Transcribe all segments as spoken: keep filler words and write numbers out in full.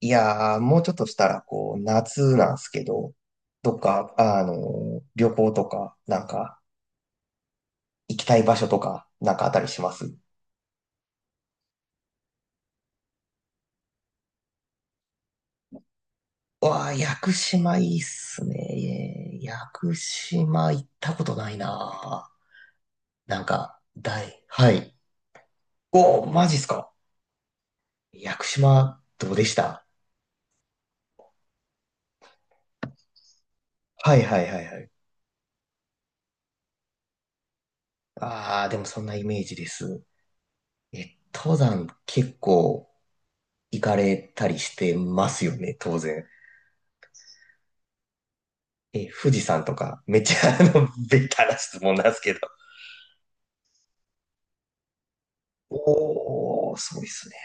いやー、もうちょっとしたら、こう、夏なんですけど、どっか、あの旅行とか、なんか、行きたい場所とか、なんかあったりしますう？わあ、屋久島いいっすね。屋久島行ったことないな。なんか、大、はい。おー、マジっすか。屋久島、どうでした？はいはいはいはい。ああ、でもそんなイメージです。え、登山結構行かれたりしてますよね、当然。え、富士山とか、めっちゃあの、ベタな質問なんですけど。おー、すごいっすね。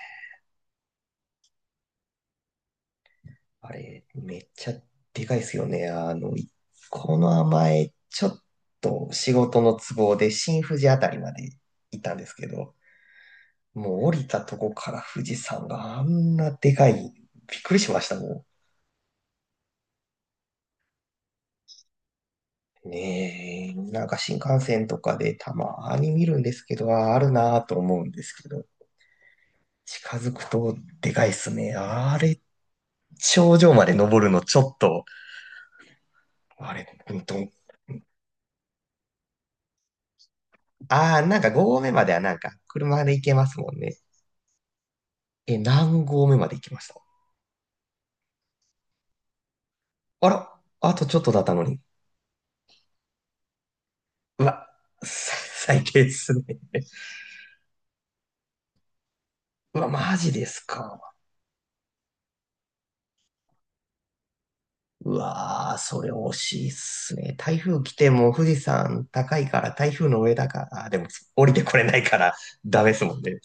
あれ、めっちゃでかいっすよね。あの、いこの前、ちょっと仕事の都合で新富士あたりまで行ったんですけど、もう降りたとこから富士山があんなでかい、びっくりしましたもん。ねえ、なんか新幹線とかでたまに見るんですけど、ああるなぁと思うんですけど、近づくとでかいっすね。あれ、頂上まで登るのちょっと、あれ、ほんと、あーなんかごごうめ合目まではなんか車で行けますもんね。え、何合目まで行きました？あら、あとちょっとだったのに。うわ、さ最低っすね。うわ、マジですか。うわー、それ惜しいっすね。台風来ても富士山高いから台風の上だから、あでも降りてこれないからダメっすもんね。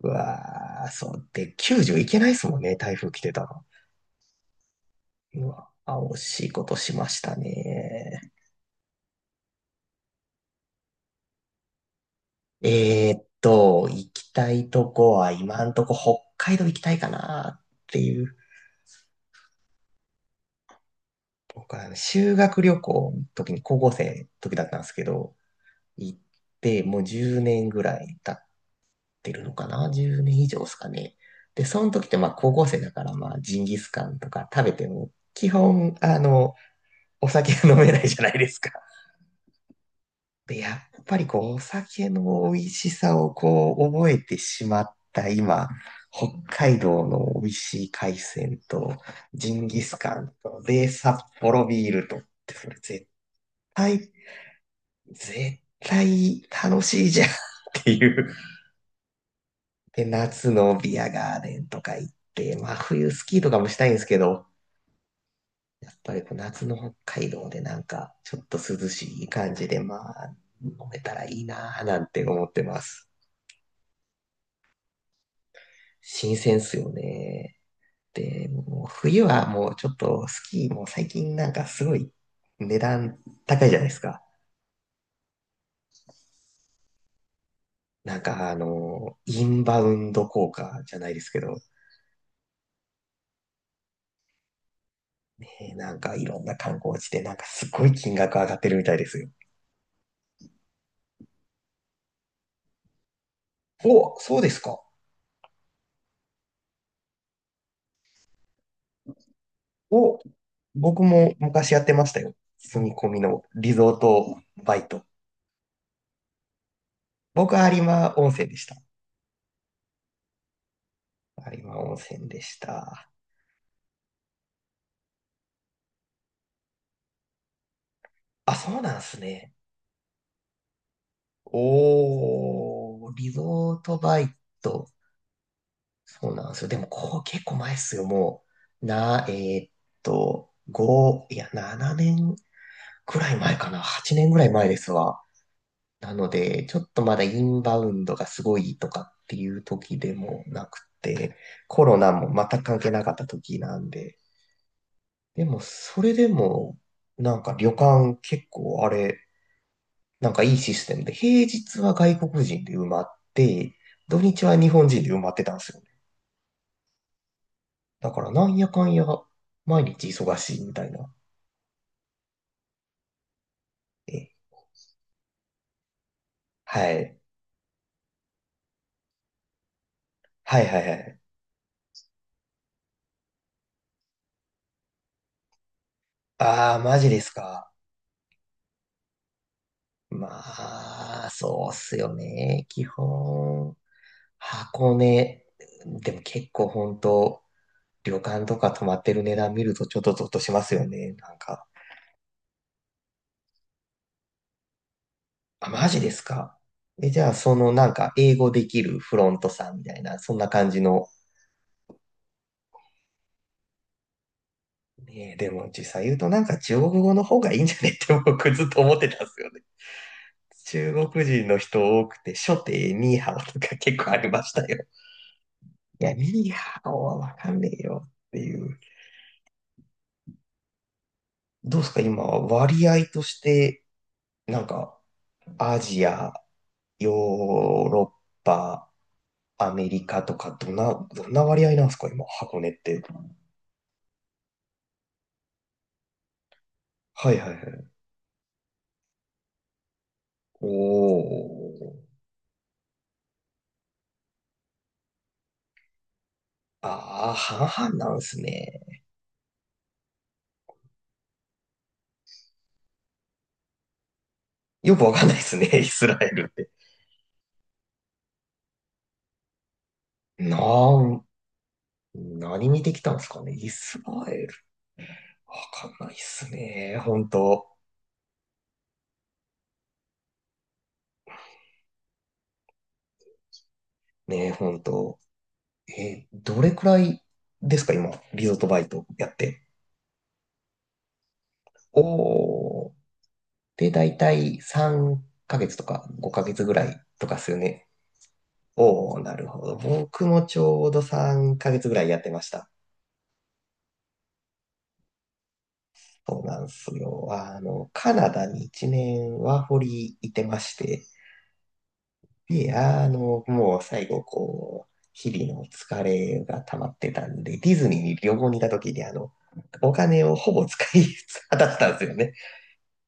うわー、そうで、きゅうじゅういけないっすもんね、台風来てたら。うわ、あ、惜しいことしましたね。えーっと、行きたいとこは今んとこ北海道行きたいかなっていう。僕はあの修学旅行の時に高校生の時だったんですけど、行ってもうじゅうねんぐらい経ってるのかな ?じゅう 年以上ですかね。で、その時ってまあ高校生だからまあジンギスカンとか食べても基本あの、お酒が飲めないじゃないですか。で、やっぱりこう、お酒の美味しさをこう、覚えてしまった今、北海道の美味しい海鮮と、ジンギスカンと、で、札幌ビールとって、それ絶対、絶対楽しいじゃんっていう。で、夏のビアガーデンとか行って、まあ冬スキーとかもしたいんですけど、やっぱりこう夏の北海道でなんか、ちょっと涼しい感じで、まあ、飲めたらいいなぁなんて思ってます。新鮮っすよね。で、もう冬はもうちょっとスキーも最近なんかすごい値段高いじゃないですか。なんかあの、インバウンド効果じゃないですけど、えーなんかいろんな観光地でなんかすごい金額上がってるみたいですよ。お、そうですか。お、僕も昔やってましたよ。住み込みのリゾートバイト。僕は有馬温泉でした。有馬温泉でした。あ、そうなんすね。おー、リゾートバイト。そうなんですよ。でも、こう結構前っすよ。もう、な、えーっと、ご、いや、ななねんくらい前かな。はちねんぐらい前ですわ。なので、ちょっとまだインバウンドがすごいとかっていう時でもなくて、コロナも全く関係なかった時なんで。でも、それでも、なんか旅館結構あれ、なんかいいシステムで、平日は外国人で埋まって、土日は日本人で埋まってたんですよね。だからなんやかんや、毎日忙しいみたいな。え、はい。はいはいはい。ああ、マジですか。まあ、そうっすよね。基本、箱根、でも結構本当、旅館とか泊まってる値段見るとちょっとゾッとしますよね。なんか、あ、マジですか。え、じゃあ、そのなんか、英語できるフロントさんみたいな、そんな感じの？ねえ、でも実際言うとなんか中国語の方がいいんじゃねって僕ずっと思ってたんですよね。中国人の人多くて、初手ニーハオとか結構ありましたよ。いや、ニーハオはわかんねえよっていう。どうですか、今、割合として、なんか、アジア、ヨーロッパ、アメリカとか、どんな、どんな割合なんですか、今、箱根って？はいはいはい。おー。ああ、半々なんですね。よくわかんないですね、イスラエルって。なん、何見てきたんですかね。イスラエル。わかんないっすね。本当。ね、本当。えどれくらいですか、今、リゾートバイトやって？おー。で、だいたいさんかげつとかごかげつぐらいとかっすよね。おー、なるほど。僕もちょうどさんかげつぐらいやってました。そうなんすよ。あの、カナダにいちねんワーホリいてまして、で、あの、もう最後、こう、日々の疲れが溜まってたんで、ディズニーに旅行に行った時に、あの、お金をほぼ使い果たしたんですよね。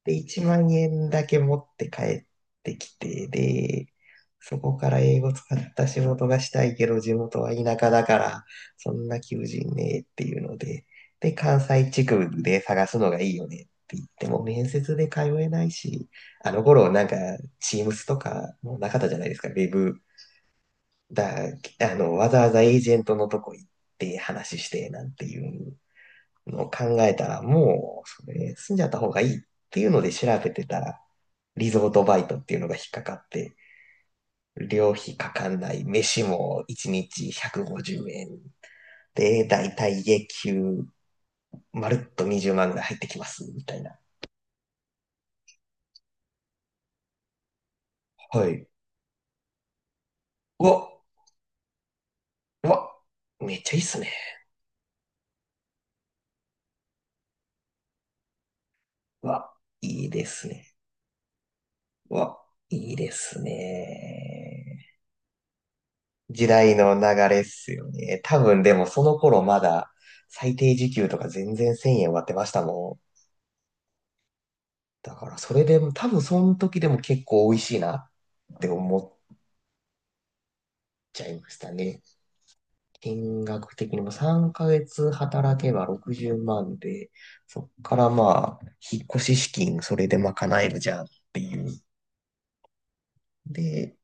で、いちまん円だけ持って帰ってきて、で、そこから英語使った仕事がしたいけど、地元は田舎だから、そんな求人ねえっていうので、で、関西地区で探すのがいいよねって言っても、面接で通えないし、あの頃なんか、チームスとかもうなかったじゃないですか、ウェブだ、あの、わざわざエージェントのとこ行って話してなんていうのを考えたら、もう、それ、住んじゃった方がいいっていうので調べてたら、リゾートバイトっていうのが引っかかって、料費かかんない、飯もいちにちひゃくごじゅうえんで、だいたい月給、まるっとにじゅうまんぐらい入ってきます、みたいな。はい。うわ、うわ、めっちゃいいっすね。うわ、いいですね。うわ、いいですね。時代の流れっすよね。多分でもその頃まだ最低時給とか全然せんえん割ってましたもん。だからそれでも多分その時でも結構美味しいなって思っちゃいましたね。金額的にもさんかげつ働けばろくじゅうまんで、そっからまあ、引っ越し資金それで賄えるじゃんっていう。で、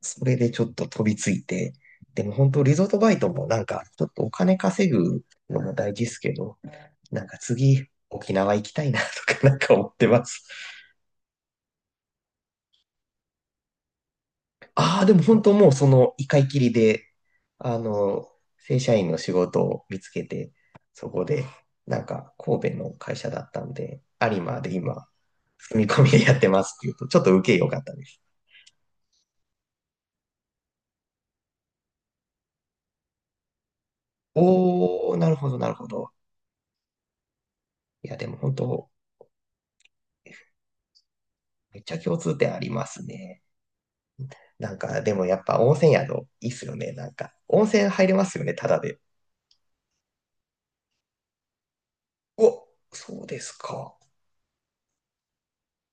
それでちょっと飛びついて、でも本当リゾートバイトもなんか、ちょっとお金稼ぐのも大事ですけど、なんか次、沖縄行きたいなとかなんか思ってます。ああ、でも本当もうその一回きりで、あの、正社員の仕事を見つけて、そこで、なんか神戸の会社だったんで、有馬で今、住み込みでやってますっていうと、ちょっと受け良かったです。おー、なるほど、なるほど。いや、でも本当、めっちゃ共通点ありますね。なんか、でもやっぱ温泉宿、いいっすよね、なんか。温泉入れますよね、ただで。お、そうですか。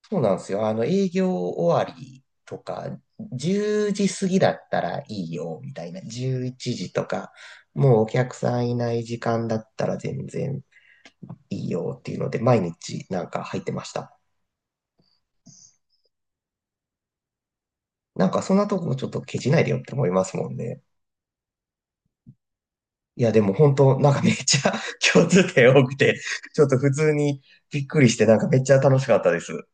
そうなんですよ。あの、営業終わりとか、じゅうじ過ぎだったらいいよ、みたいな。じゅういちじとか、もうお客さんいない時間だったら全然いいよっていうので、毎日なんか入ってました。なんかそんなとこちょっとケチないでよって思いますもんね。いや、でも本当なんかめっちゃ 共通点多くて、ちょっと普通にびっくりして、なんかめっちゃ楽しかったです。